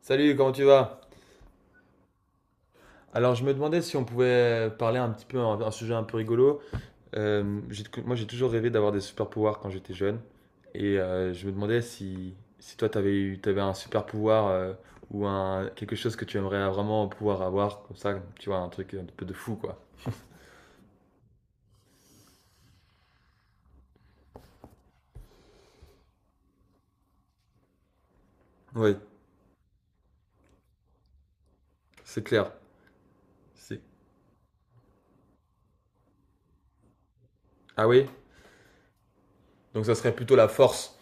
Salut, comment tu vas? Alors, je me demandais si on pouvait parler un petit peu, un sujet un peu rigolo. Moi, j'ai toujours rêvé d'avoir des super pouvoirs quand j'étais jeune. Et je me demandais si, si toi, t'avais un super pouvoir ou quelque chose que tu aimerais vraiment pouvoir avoir, comme ça, tu vois, un truc un peu de fou, quoi. Oui, c'est clair. C'est. Ah oui? Donc, ça serait plutôt la force.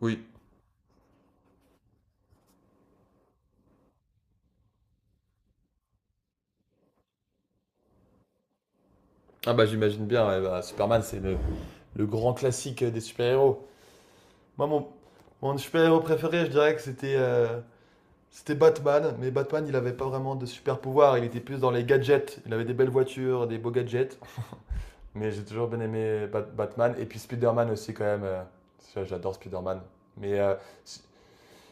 Oui. Ah bah, j'imagine bien, ouais, bah, Superman, c'est le grand classique des super-héros. Moi, mon super-héros préféré, je dirais que c'était Batman. Mais Batman, il avait pas vraiment de super-pouvoir. Il était plus dans les gadgets. Il avait des belles voitures, des beaux gadgets. Mais j'ai toujours bien aimé Batman. Et puis Spider-Man aussi, quand même. Ça, j'adore Spider-Man. Mais si,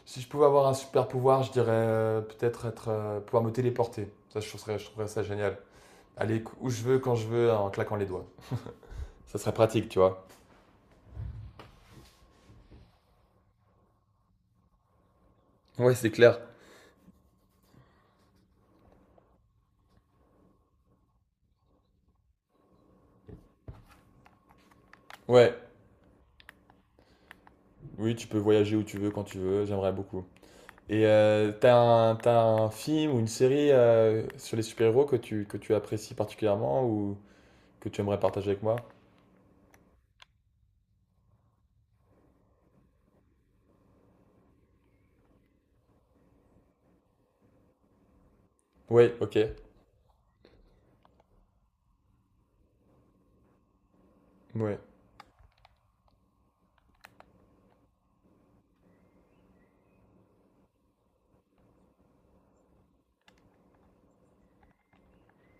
si je pouvais avoir un super-pouvoir, je dirais peut-être pouvoir me téléporter. Ça, je trouverais ça génial. Aller où je veux, quand je veux, en claquant les doigts. Ça serait pratique, tu vois. Ouais, c'est clair. Ouais, oui, tu peux voyager où tu veux, quand tu veux, j'aimerais beaucoup. Et t'as un film ou une série sur les super-héros que tu apprécies particulièrement ou que tu aimerais partager avec moi? Oui, ok. Ouais.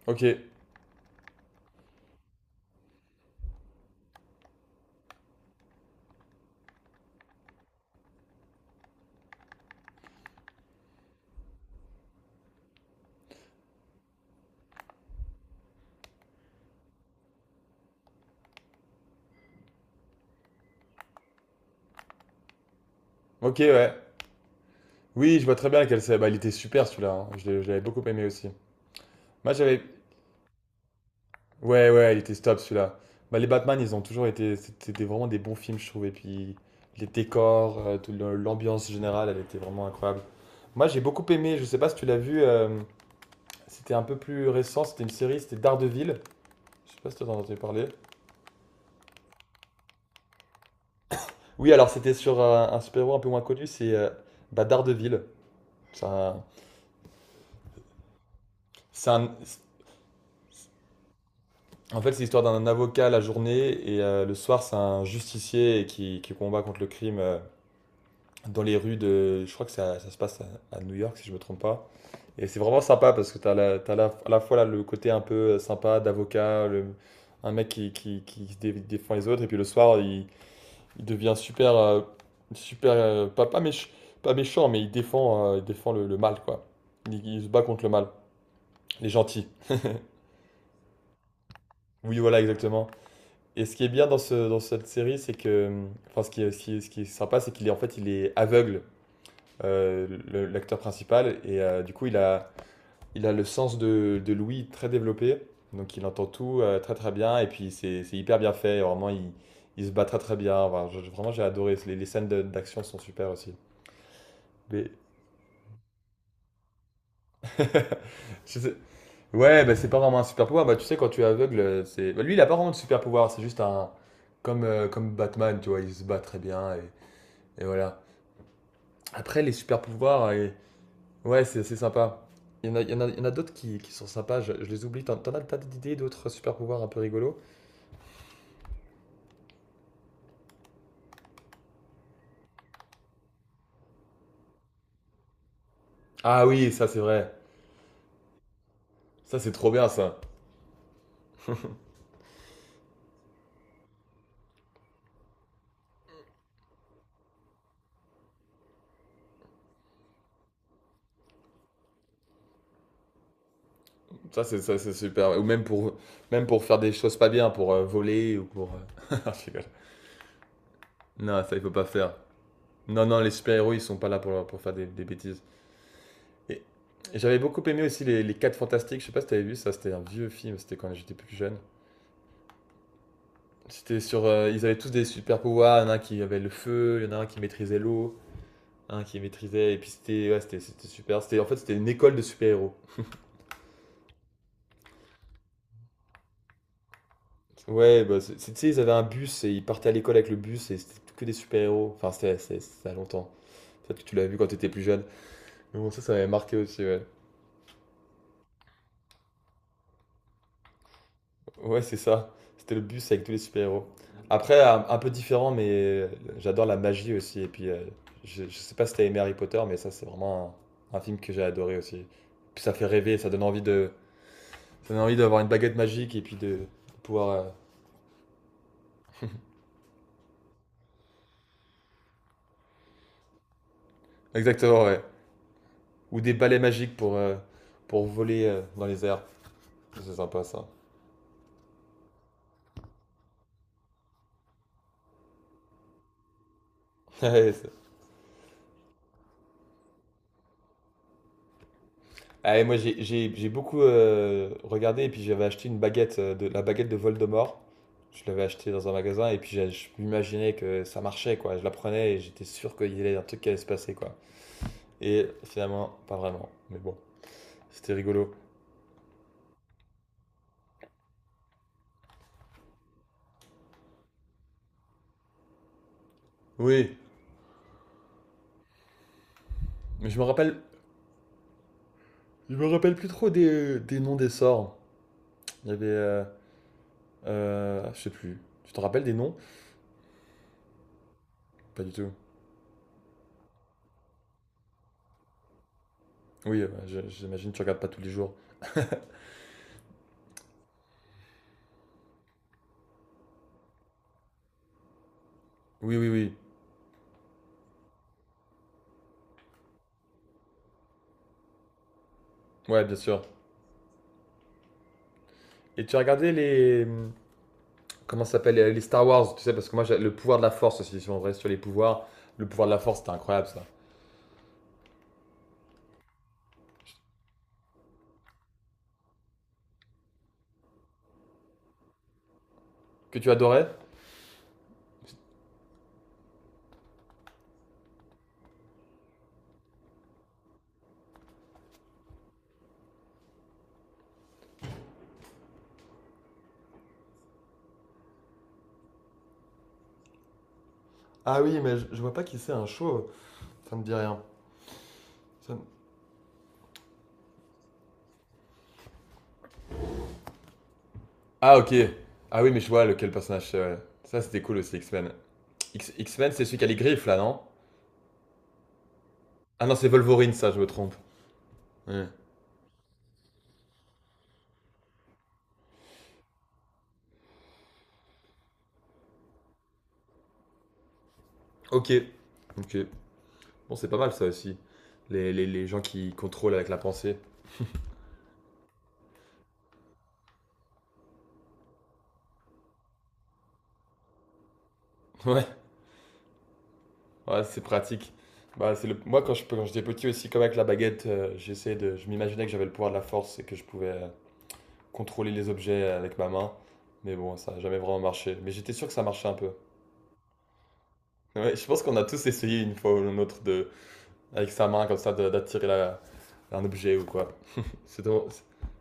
Ok. Ok, ouais. Oui, je vois très bien lequel c'est. Bah, il était super celui-là, hein. Je l'avais beaucoup aimé aussi. Moi, j'avais. Ouais, ouais, il était top celui-là. Bah, les Batman, ils ont toujours été. C'était vraiment des bons films, je trouve. Et puis, les décors, l'ambiance générale, elle était vraiment incroyable. Moi, j'ai beaucoup aimé. Je sais pas si tu l'as vu. C'était un peu plus récent. C'était une série. C'était Daredevil. Je sais pas si t'en as entendu parler. Oui, alors c'était sur un super-héros un peu moins connu, c'est bah, Daredevil. C'est un- c'est un- en fait, c'est l'histoire d'un avocat la journée et le soir, c'est un justicier qui combat contre le crime dans les rues de. Je crois que ça se passe à New York, si je me trompe pas. Et c'est vraiment sympa parce que à la fois là, le côté un peu sympa d'avocat, un mec qui se défend les autres, et puis le soir, il devient super, pas, pas, pas méchant, mais il défend le mal, quoi. Il se bat contre le mal. Il est gentil. Oui, voilà, exactement. Et ce qui est bien dans cette série, c'est que, enfin, ce qui est, ce qui est- ce qui est sympa, c'est qu'il est en fait, il est aveugle, l'acteur principal, et du coup, il a le sens de l'ouïe très développé, donc il entend tout très très bien, et puis c'est hyper bien fait, vraiment, il se bat très très bien. Enfin, vraiment, j'ai adoré. Les scènes d'action sont super aussi. Mais je sais-. Ouais, bah, c'est pas vraiment un super pouvoir. Bah, tu sais, quand tu es aveugle, c'est. Bah, lui, il a pas vraiment de super pouvoir. C'est juste un. Comme Batman, tu vois, il se bat très bien. Et voilà. Après, les super pouvoirs, ouais, c'est sympa. Il y en a, il y en a, il y en a d'autres qui sont sympas. Je les oublie. T'as d'idées d'autres super pouvoirs un peu rigolos? Ah oui, ça, c'est vrai. Ça, c'est trop bien, ça. Ça, c'est super. Ou même pour faire des choses pas bien, pour voler ou pour. Je rigole. Non, ça, il faut pas faire. Non, non, les super-héros, ils sont pas là pour faire des bêtises. Et, et j'avais beaucoup aimé aussi les 4 Fantastiques. Je sais pas si t'avais vu ça, c'était un vieux film, c'était quand j'étais plus jeune. C'était sur. Ils avaient tous des super pouvoirs. Il y en a un qui avait le feu, il y en a un qui maîtrisait l'eau, un qui maîtrisait. Et puis c'était ouais, c'était super. C'était, en fait, c'était une école de super-héros. Ouais, bah, tu sais, ils avaient un bus et ils partaient à l'école avec le bus et c'était que des super-héros. Enfin, c'était ça a longtemps. Peut-être que tu l'as vu quand t'étais plus jeune. Mais bon, ça m'avait marqué aussi, ouais. Ouais, c'est ça. C'était le bus avec tous les super-héros. Après, un peu différent, mais j'adore la magie aussi. Et puis, je sais pas si t'as aimé Harry Potter, mais ça, c'est vraiment un film que j'ai adoré aussi. Puis ça fait rêver, ça donne envie d'avoir une baguette magique et puis de pouvoir. Exactement, ouais. Ou des balais magiques pour voler dans les airs. C'est sympa ça. Ah, et moi j'ai beaucoup regardé et puis j'avais acheté une baguette, la baguette de Voldemort. Je l'avais acheté dans un magasin et puis je m'imaginais que ça marchait quoi. Je la prenais et j'étais sûr qu'il y avait un truc qui allait se passer quoi. Et finalement, pas vraiment. Mais bon, c'était rigolo. Oui, mais je me rappelle plus trop des noms des sorts. Il y avait, je sais plus. Tu te rappelles des noms? Pas du tout. Oui, j'imagine que tu regardes pas tous les jours. Oui, oui, oui. Ouais, bien sûr. Et tu as regardé les, comment ça s'appelle Les Star Wars, tu sais, parce que moi, le pouvoir de la force aussi, si on reste sur les pouvoirs. Le pouvoir de la force, c'était incroyable ça. Que tu adorais. Ah oui, mais je vois pas qui c'est un show, ça me dit rien. Ça me-. Ah, ok. Ah oui, mais je vois lequel personnage c'est, ouais. Ça, c'était cool aussi, X-Men. X-Men, c'est celui qui a les griffes là, non. Ah non, c'est Wolverine, ça, je me trompe. Ouais. Ok. Ok. Bon, c'est pas mal ça aussi. Les gens qui contrôlent avec la pensée. Ouais. Ouais, c'est pratique. Bah, c'est le. Moi, quand j'étais petit aussi, comme avec la baguette, j'essayais de. Je m'imaginais que j'avais le pouvoir de la force et que je pouvais contrôler les objets avec ma main. Mais bon, ça n'a jamais vraiment marché. Mais j'étais sûr que ça marchait un peu. Ouais, je pense qu'on a tous essayé une fois ou une autre de. Avec sa main comme ça d'attirer la. Un objet ou quoi. C'est drôle.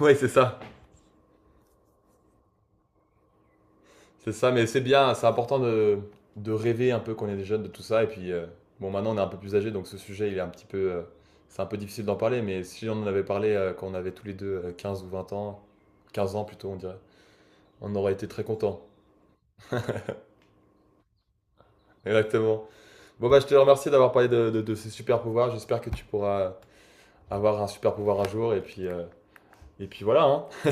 Ouais, c'est ça. C'est ça, mais c'est bien, c'est important de rêver un peu quand on est jeune de tout ça. Et puis, bon, maintenant on est un peu plus âgé, donc ce sujet, il est un petit peu, c'est un peu difficile d'en parler. Mais si on en avait parlé quand on avait tous les deux 15 ou 20 ans, 15 ans plutôt, on dirait, on aurait été très contents. Exactement. Bon, bah, je te remercie d'avoir parlé de ces super pouvoirs. J'espère que tu pourras avoir un super pouvoir un jour. Et puis voilà, hein.